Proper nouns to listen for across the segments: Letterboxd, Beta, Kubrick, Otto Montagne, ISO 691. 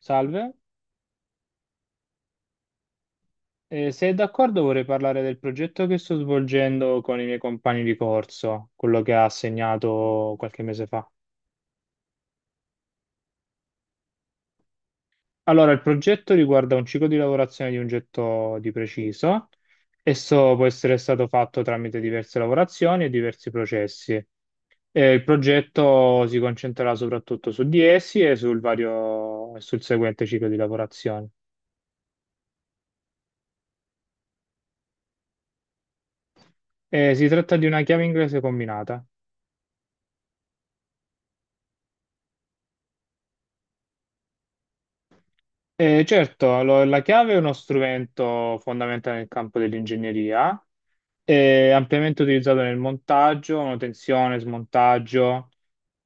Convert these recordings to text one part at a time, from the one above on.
Salve. Se è d'accordo vorrei parlare del progetto che sto svolgendo con i miei compagni di corso, quello che ha assegnato qualche mese fa. Allora, il progetto riguarda un ciclo di lavorazione di un getto di preciso. Esso può essere stato fatto tramite diverse lavorazioni e diversi processi. E il progetto si concentrerà soprattutto su di essi e sul sul seguente ciclo di lavorazione. Si tratta di una chiave inglese combinata. Certo, la chiave è uno strumento fondamentale nel campo dell'ingegneria, è ampiamente utilizzato nel montaggio, manutenzione, smontaggio.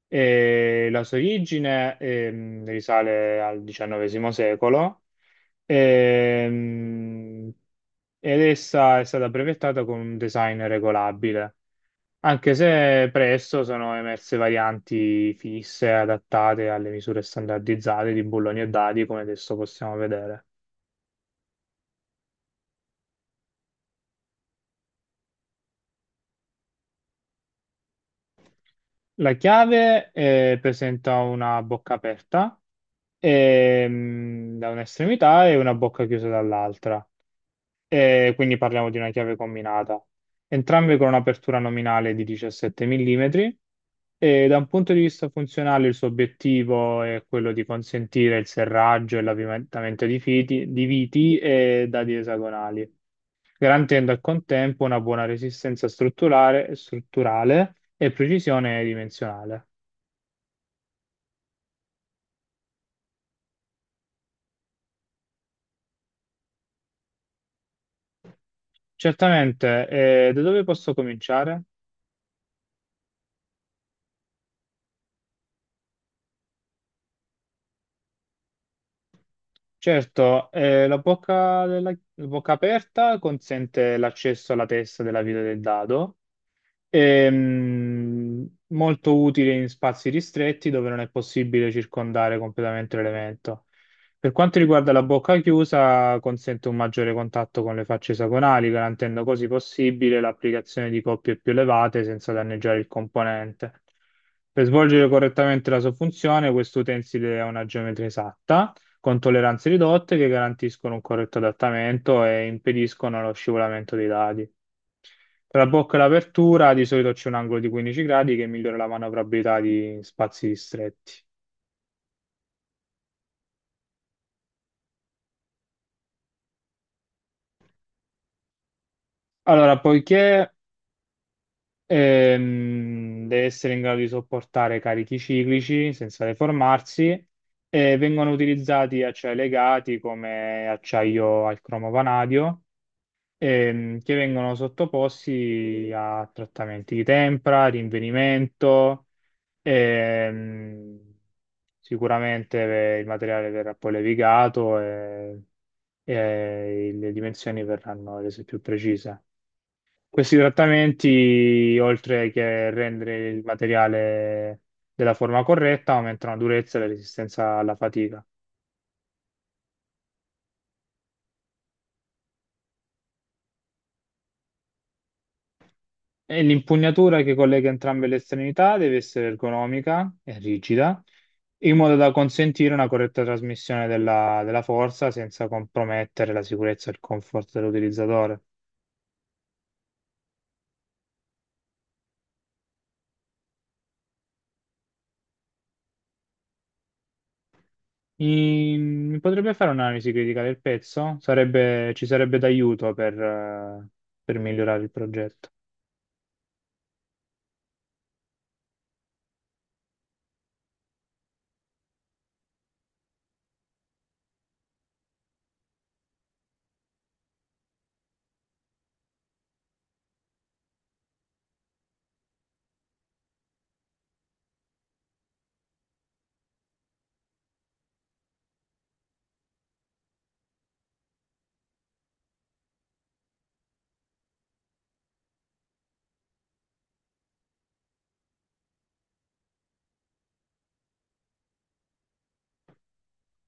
La sua origine risale al XIX secolo, ehm, ed essa è stata brevettata con un design regolabile, anche se presto sono emerse varianti fisse adattate alle misure standardizzate di bulloni e dadi, come adesso possiamo vedere. La chiave presenta una bocca aperta da un'estremità e una bocca chiusa dall'altra. Quindi parliamo di una chiave combinata, entrambe con un'apertura nominale di 17 mm, e da un punto di vista funzionale il suo obiettivo è quello di consentire il serraggio e l'avvitamento di viti e dadi esagonali, garantendo al contempo una buona resistenza strutturale e precisione dimensionale. Certamente. Da dove posso cominciare? Certo, la la bocca aperta consente l'accesso alla testa della vita del dado. Ehm, Molto utile in spazi ristretti dove non è possibile circondare completamente l'elemento. Per quanto riguarda la bocca chiusa, consente un maggiore contatto con le facce esagonali, garantendo così possibile l'applicazione di coppie più elevate senza danneggiare il componente. Per svolgere correttamente la sua funzione, questo utensile ha una geometria esatta, con tolleranze ridotte che garantiscono un corretto adattamento e impediscono lo scivolamento dei dadi. Tra la bocca e l'apertura di solito c'è un angolo di 15 gradi che migliora la manovrabilità di spazi ristretti. Allora, poiché deve essere in grado di sopportare carichi ciclici senza deformarsi, vengono utilizzati acciai legati come acciaio al cromo vanadio, che vengono sottoposti a trattamenti di tempra, rinvenimento. Ehm, Sicuramente il materiale verrà poi levigato e le dimensioni verranno rese più precise. Questi trattamenti, oltre che rendere il materiale della forma corretta, aumentano la durezza e la resistenza alla fatica. E l'impugnatura che collega entrambe le estremità deve essere ergonomica e rigida, in modo da consentire una corretta trasmissione della forza senza compromettere la sicurezza e il comfort dell'utilizzatore. Mi potrebbe fare un'analisi critica del pezzo? Ci sarebbe d'aiuto per migliorare il progetto.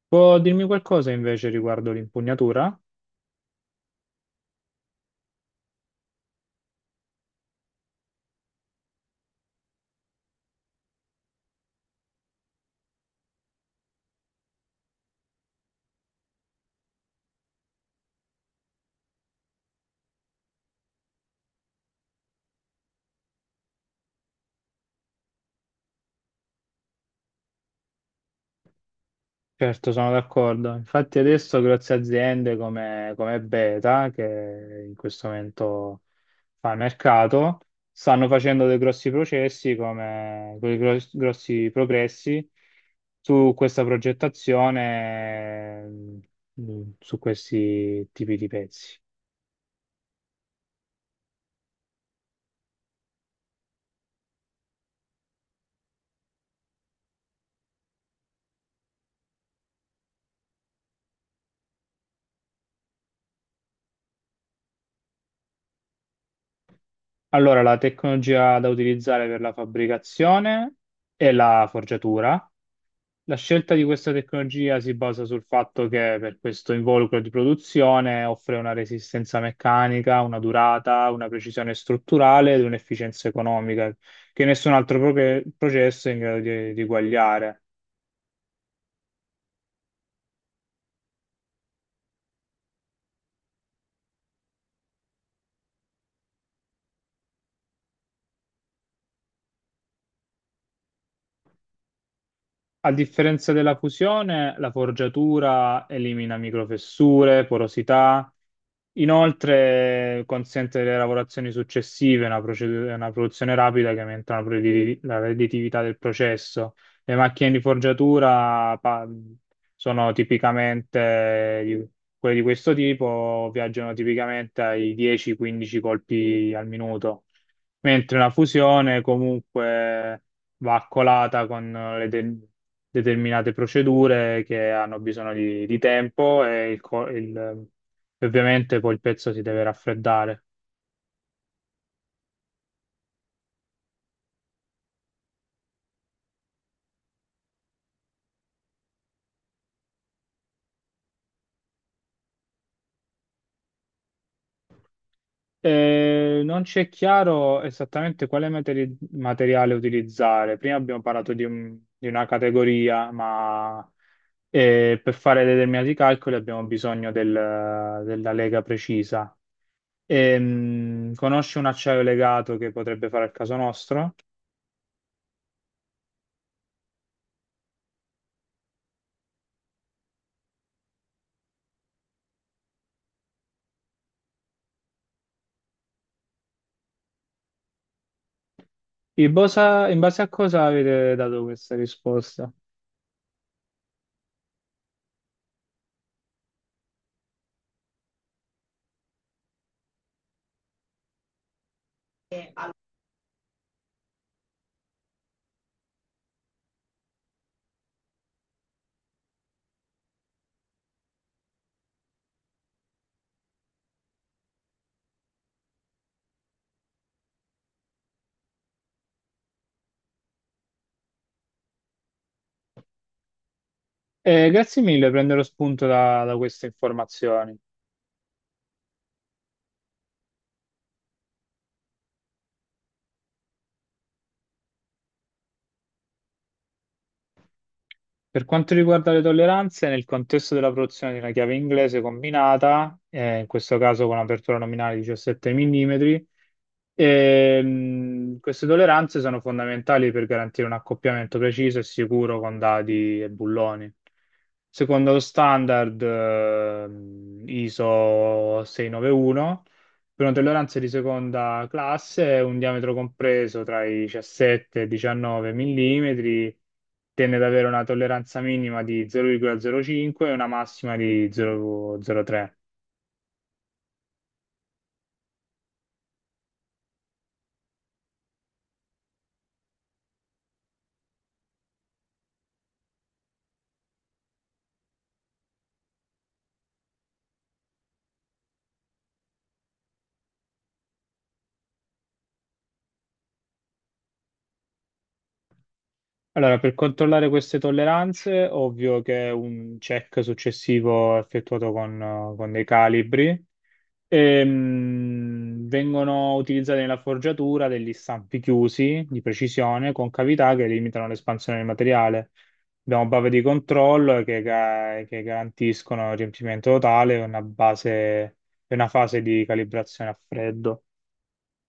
Può dirmi qualcosa invece riguardo l'impugnatura? Certo, sono d'accordo. Infatti adesso grosse aziende come Beta, che in questo momento fa mercato, stanno facendo dei grossi processi, grossi progressi su questa progettazione, su questi tipi di pezzi. Allora, la tecnologia da utilizzare per la fabbricazione è la forgiatura. La scelta di questa tecnologia si basa sul fatto che per questo involucro di produzione offre una resistenza meccanica, una durata, una precisione strutturale ed un'efficienza economica che nessun altro processo è in grado di eguagliare. A differenza della fusione, la forgiatura elimina microfessure, porosità, inoltre consente le lavorazioni successive, una produzione rapida che aumenta la la redditività del processo. Le macchine di forgiatura sono tipicamente quelle di questo tipo, viaggiano tipicamente ai 10-15 colpi al minuto, mentre la fusione comunque va accolata con le determinate procedure che hanno bisogno di tempo e il ovviamente poi il pezzo si deve raffreddare. Non ci è chiaro esattamente quale materiale utilizzare. Prima abbiamo parlato di una categoria, ma per fare determinati calcoli abbiamo bisogno della lega precisa. Conosci un acciaio legato che potrebbe fare al caso nostro? In base, In base a cosa avete dato questa risposta? Grazie mille, prenderò spunto da queste informazioni. Per quanto riguarda le tolleranze, nel contesto della produzione di una chiave inglese combinata, in questo caso con apertura nominale di 17 mm, queste tolleranze sono fondamentali per garantire un accoppiamento preciso e sicuro con dadi e bulloni. Secondo lo standard, ISO 691, per una tolleranza di seconda classe, un diametro compreso tra i 17 e i 19 millimetri, tende ad avere una tolleranza minima di 0,05 e una massima di 0,03. Allora, per controllare queste tolleranze, ovvio che un check successivo è effettuato con dei calibri. Vengono utilizzati nella forgiatura degli stampi chiusi di precisione con cavità che limitano l'espansione del materiale. Abbiamo bave di controllo che garantiscono il riempimento totale e una base, e una fase di calibrazione a freddo.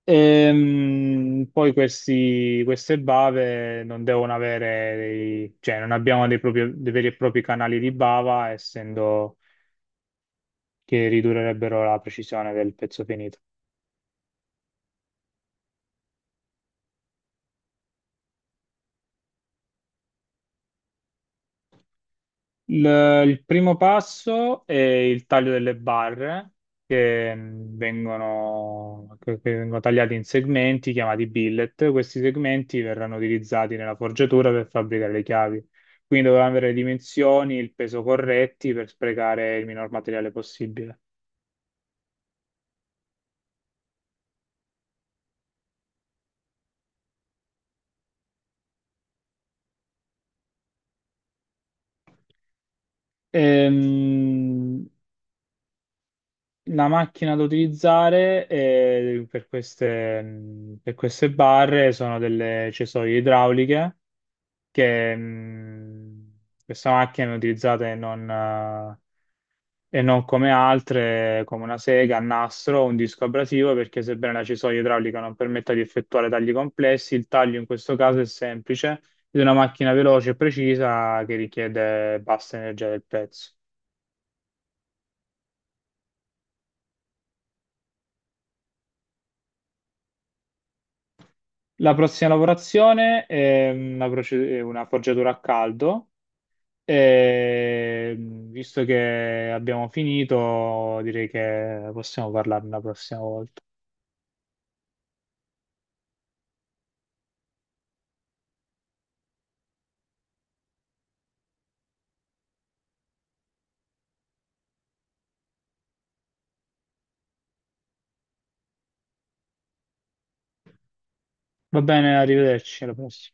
Poi queste bave non devono cioè non abbiamo dei veri e propri canali di bava, essendo che ridurrebbero la precisione del pezzo finito. Il, il primo passo è il taglio delle barre che che vengono tagliate in segmenti chiamati billet. Questi segmenti verranno utilizzati nella forgiatura per fabbricare le chiavi. Quindi dovranno avere le dimensioni, il peso corretti per sprecare il minor materiale possibile. Ehm, la macchina da utilizzare per queste, mm, per queste barre sono delle cesoie idrauliche che questa macchina viene utilizzata e non come altre, come una sega, a nastro o un disco abrasivo, perché sebbene la cisoia idraulica non permetta di effettuare tagli complessi, il taglio in questo caso è semplice, di una macchina veloce e precisa che richiede bassa energia del pezzo. La prossima lavorazione è mhmm, una, proce- è una forgiatura a caldo, e visto che abbiamo finito, direi che possiamo parlarne la prossima volta. Va bene, arrivederci, alla prossima.